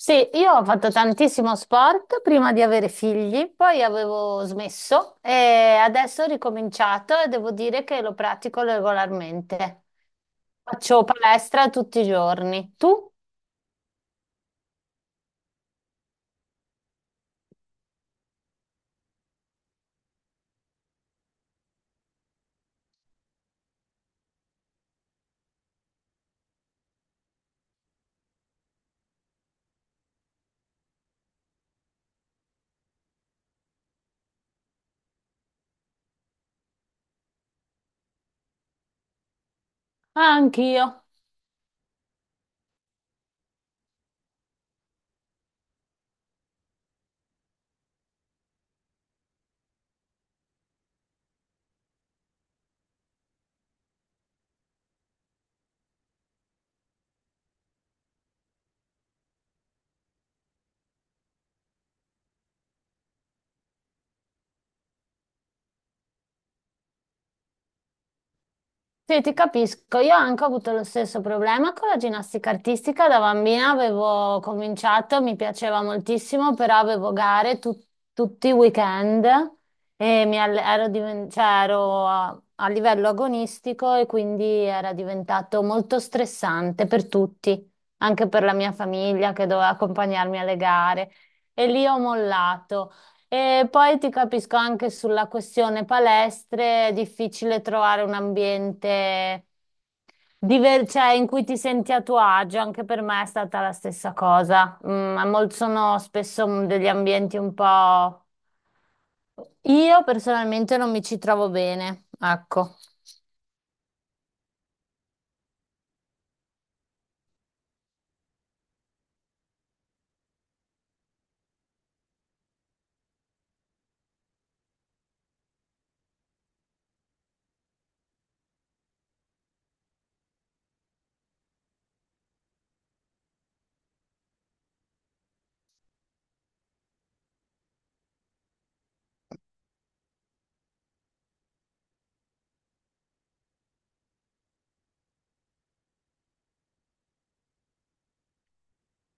Sì, io ho fatto tantissimo sport prima di avere figli, poi avevo smesso e adesso ho ricominciato e devo dire che lo pratico regolarmente. Faccio palestra tutti i giorni. Tu? Ah, anch'io. Sì, ti capisco. Io anche ho avuto lo stesso problema con la ginnastica artistica. Da bambina avevo cominciato, mi piaceva moltissimo, però avevo gare tutti i weekend e ero, cioè, ero a livello agonistico e quindi era diventato molto stressante per tutti, anche per la mia famiglia che doveva accompagnarmi alle gare. E lì ho mollato. E poi ti capisco anche sulla questione palestre, è difficile trovare un ambiente cioè, in cui ti senti a tuo agio, anche per me è stata la stessa cosa. Sono spesso degli ambienti un po'. Io personalmente non mi ci trovo bene, ecco.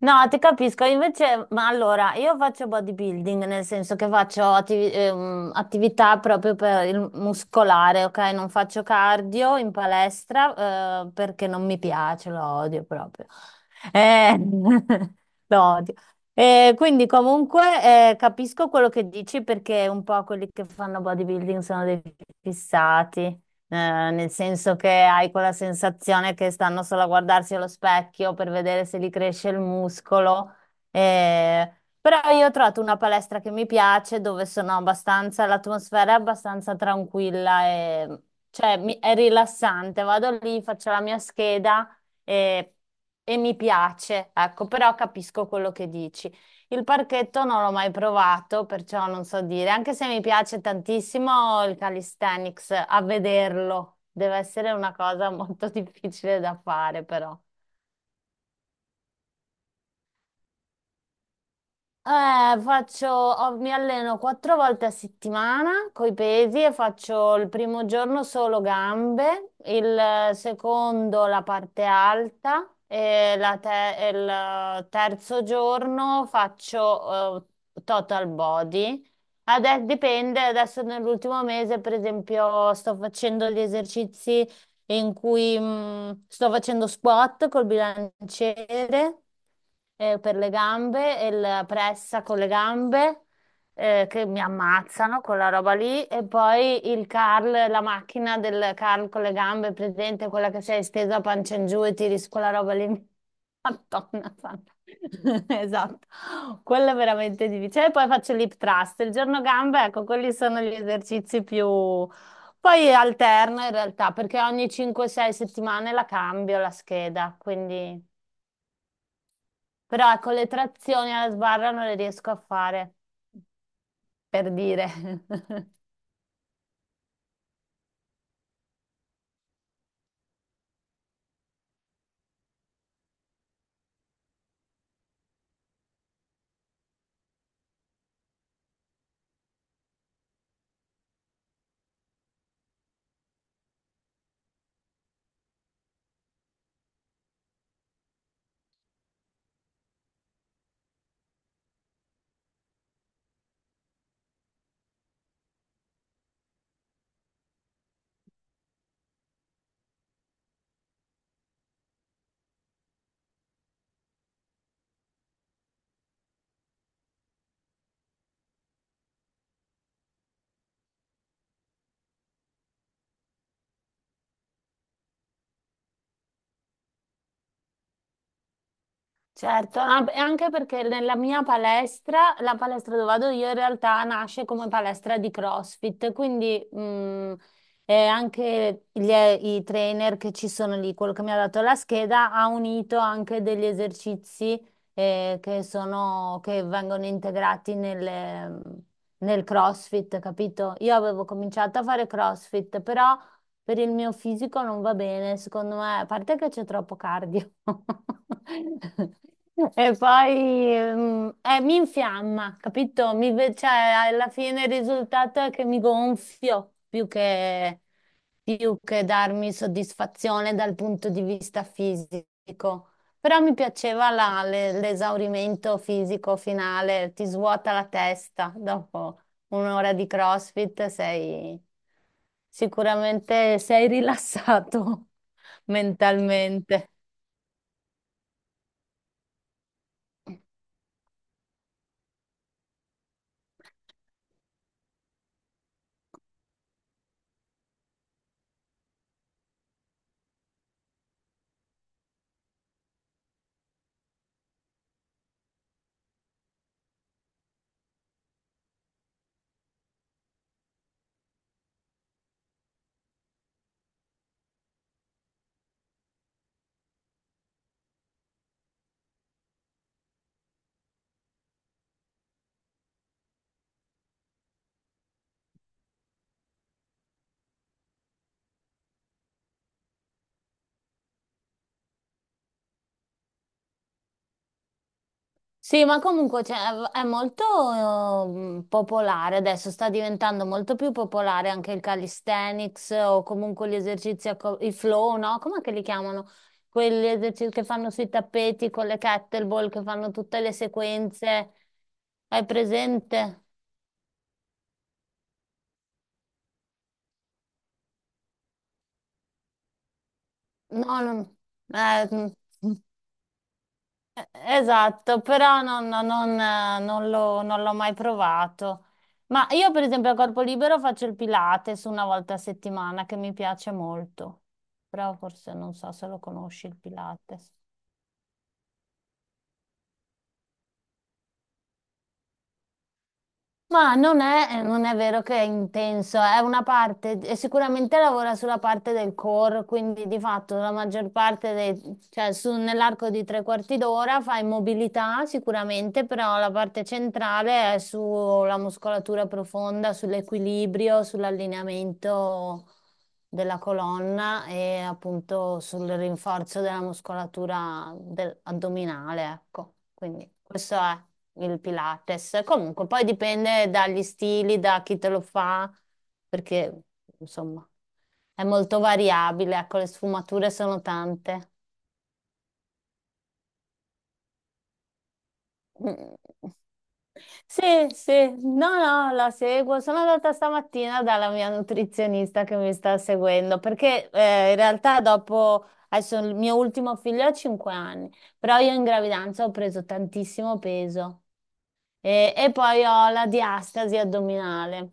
No, ti capisco, invece, ma allora, io faccio bodybuilding, nel senso che faccio attività proprio per il muscolare, ok? Non faccio cardio in palestra, perché non mi piace, lo odio proprio. Eh, lo odio. Quindi comunque capisco quello che dici perché un po' quelli che fanno bodybuilding sono dei fissati. Eh, nel senso che hai quella sensazione che stanno solo a guardarsi allo specchio per vedere se gli cresce il muscolo. Eh, però io ho trovato una palestra che mi piace, dove sono abbastanza, l'atmosfera è abbastanza tranquilla e cioè, è rilassante. Vado lì, faccio la mia scheda e, e mi piace, ecco, però capisco quello che dici. Il parchetto non l'ho mai provato, perciò non so dire, anche se mi piace tantissimo il calisthenics, a vederlo. Deve essere una cosa molto difficile da fare, però. Mi alleno quattro volte a settimana con i pesi e faccio il primo giorno solo gambe, il secondo la parte alta e il terzo giorno faccio total body. Adesso dipende, adesso nell'ultimo mese per esempio sto facendo gli esercizi e in cui sto facendo squat col bilanciere per le gambe e la pressa con le gambe che mi ammazzano quella roba lì e poi il curl, la macchina del curl con le gambe, presente quella che sei stesa a pancia in giù e tiri su quella roba lì. Madonna santa. Esatto, quello è veramente difficile. E poi faccio l'hip thrust, il giorno gambe, ecco, quelli sono gli esercizi più, poi alterno in realtà perché ogni 5-6 settimane la cambio la scheda, quindi. Però ecco, le trazioni alla sbarra non le riesco a fare, per dire. Certo, ah, e anche perché nella mia palestra, la palestra dove vado io in realtà nasce come palestra di CrossFit, quindi anche i trainer che ci sono lì, quello che mi ha dato la scheda, ha unito anche degli esercizi che sono, che vengono integrati nel CrossFit, capito? Io avevo cominciato a fare CrossFit, però per il mio fisico non va bene, secondo me, a parte che c'è troppo cardio. E poi mi infiamma, capito? Cioè, alla fine il risultato è che mi gonfio più che darmi soddisfazione dal punto di vista fisico. Però mi piaceva l'esaurimento fisico finale, ti svuota la testa dopo un'ora di CrossFit sei sicuramente sei rilassato mentalmente. Sì, ma comunque cioè, è molto popolare adesso, sta diventando molto più popolare anche il calisthenics o comunque gli esercizi, i flow, no? Com'è che li chiamano? Quegli esercizi che fanno sui tappeti con le kettlebell, che fanno tutte le sequenze. Hai presente? No, non... eh, mm. Esatto, però non l'ho mai provato. Ma io, per esempio, a corpo libero faccio il Pilates una volta a settimana che mi piace molto. Però forse non so se lo conosci il Pilates. Ma non è vero che è intenso, è una parte, e sicuramente lavora sulla parte del core, quindi di fatto la maggior parte, dei, cioè nell'arco di tre quarti d'ora fai mobilità sicuramente, però la parte centrale è sulla muscolatura profonda, sull'equilibrio, sull'allineamento della colonna e appunto sul rinforzo della muscolatura addominale, ecco, quindi questo è il Pilates. Comunque, poi dipende dagli stili, da chi te lo fa, perché insomma è molto variabile, ecco, le sfumature sono tante. Mm. Sì, sì, no, no, la seguo. Sono andata stamattina dalla mia nutrizionista che mi sta seguendo, perché in realtà dopo, adesso il mio ultimo figlio ha 5 anni, però io in gravidanza ho preso tantissimo peso. E poi ho la diastasi addominale.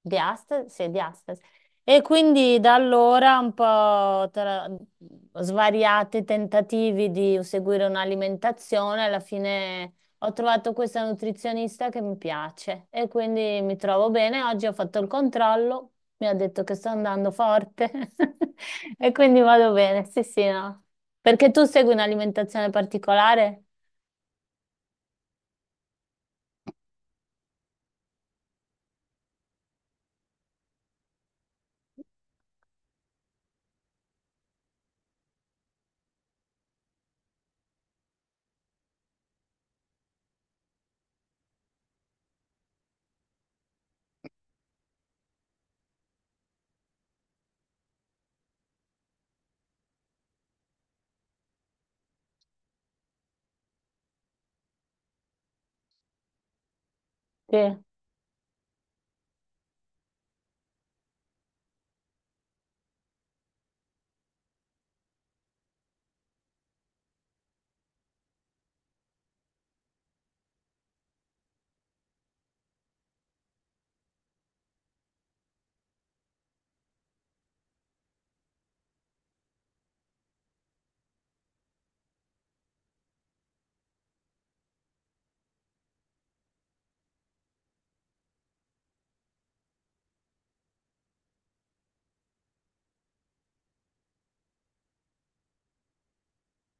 Diastasi? Sì, diastasi. E quindi da allora un po' tra svariati tentativi di seguire un'alimentazione, alla fine ho trovato questa nutrizionista che mi piace e quindi mi trovo bene. Oggi ho fatto il controllo, mi ha detto che sto andando forte e quindi vado bene. Sì, sì, no. Perché tu segui un'alimentazione particolare? Sì.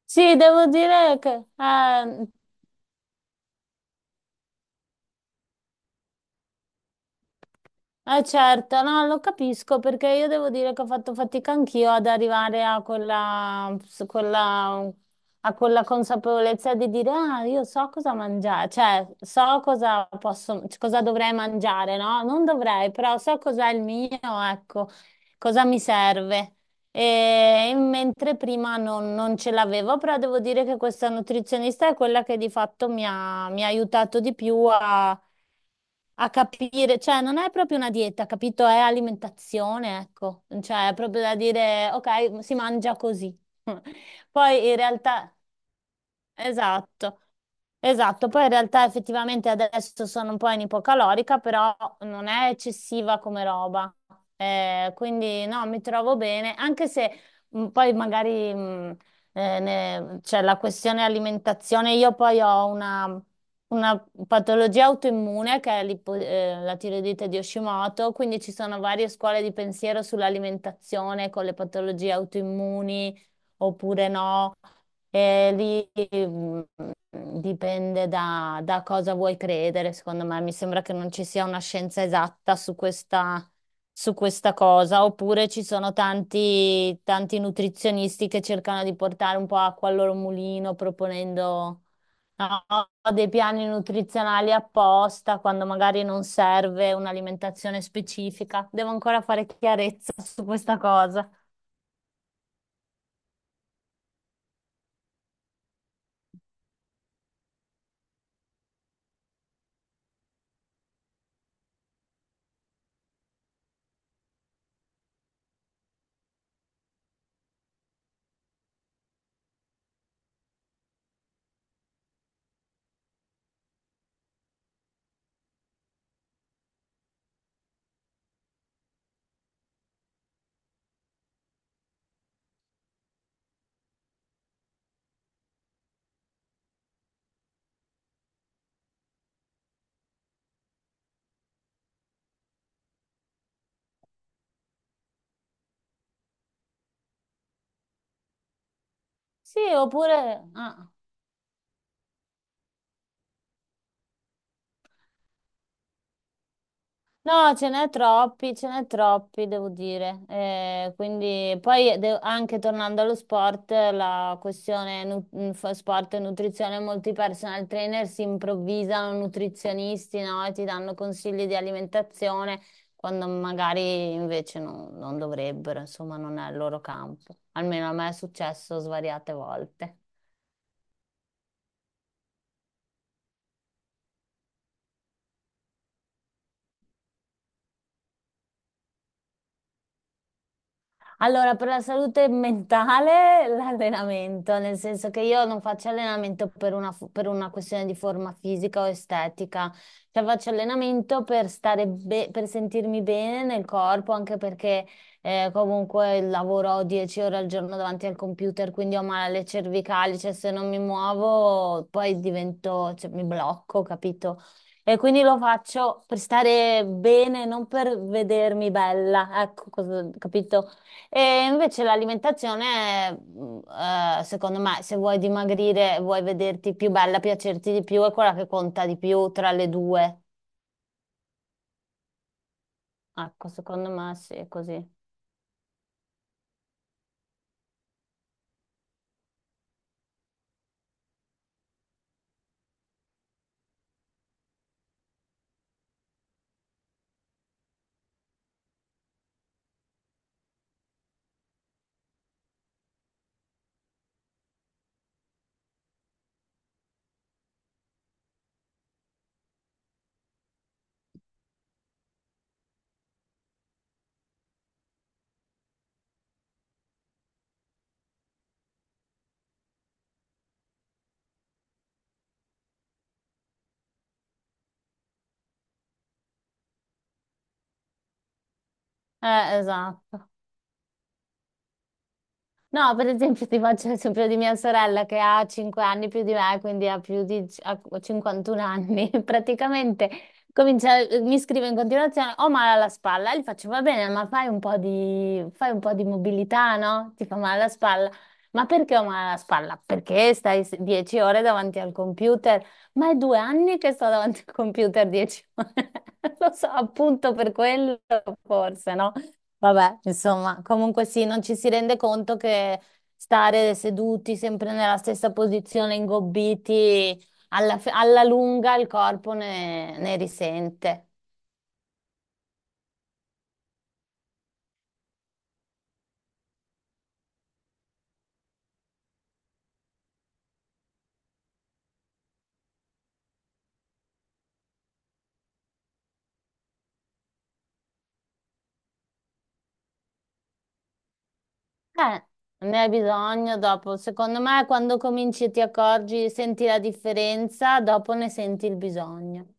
Sì, devo dire che... certo, no, lo capisco perché io devo dire che ho fatto fatica anch'io ad arrivare a quella, a quella consapevolezza di dire, ah, io so cosa mangiare, cioè so cosa posso, cosa dovrei mangiare, no? Non dovrei, però so cos'è il mio, ecco, cosa mi serve. E mentre prima non ce l'avevo, però devo dire che questa nutrizionista è quella che di fatto mi ha aiutato di più a capire, cioè non è proprio una dieta, capito? È alimentazione, ecco, cioè è proprio da dire, ok, si mangia così. Poi in realtà... Esatto, esatto. Poi in realtà effettivamente adesso sono un po' in ipocalorica, però non è eccessiva come roba. Quindi no, mi trovo bene, anche se poi magari c'è la questione alimentazione. Io poi ho una patologia autoimmune che è la tiroidite di Hashimoto, quindi ci sono varie scuole di pensiero sull'alimentazione con le patologie autoimmuni oppure no. E lì dipende da cosa vuoi credere, secondo me. Mi sembra che non ci sia una scienza esatta su questa cosa, oppure ci sono tanti, tanti nutrizionisti che cercano di portare un po' acqua al loro mulino, proponendo no, dei piani nutrizionali apposta, quando magari non serve un'alimentazione specifica. Devo ancora fare chiarezza su questa cosa. Sì, oppure... ah. No, ce n'è troppi, devo dire. Quindi poi anche tornando allo sport, la questione sport e nutrizione, molti personal trainer si improvvisano nutrizionisti, no? E ti danno consigli di alimentazione quando magari invece non dovrebbero, insomma, non è il loro campo. Almeno a me è successo svariate volte. Allora, per la salute mentale, l'allenamento, nel senso che io non faccio allenamento per una, per una questione di forma fisica o estetica, cioè faccio allenamento per stare per sentirmi bene nel corpo, anche perché comunque lavoro 10 ore al giorno davanti al computer, quindi ho male alle cervicali, cioè se non mi muovo poi divento, cioè, mi blocco, capito? E quindi lo faccio per stare bene, non per vedermi bella, ecco, capito? E invece l'alimentazione, secondo me, se vuoi dimagrire, vuoi vederti più bella, piacerti di più, è quella che conta di più tra le due. Ecco, secondo me sì, è così. Esatto. No, per esempio ti faccio l'esempio di mia sorella che ha 5 anni più di me, quindi ha più di ha 51 anni. Praticamente comincia, mi scrive in continuazione, ho male alla spalla, e gli faccio va bene, ma fai un po' di mobilità, no? Ti fa male alla spalla. Ma perché ho male alla spalla? Perché stai 10 ore davanti al computer? Ma è 2 anni che sto davanti al computer 10 ore. Lo so, appunto per quello, forse, no? Vabbè, insomma, comunque sì, non ci si rende conto che stare seduti sempre nella stessa posizione, ingobbiti, alla lunga il corpo ne risente. Eh, ne hai bisogno dopo. Secondo me, quando cominci e ti accorgi, senti la differenza, dopo ne senti il bisogno.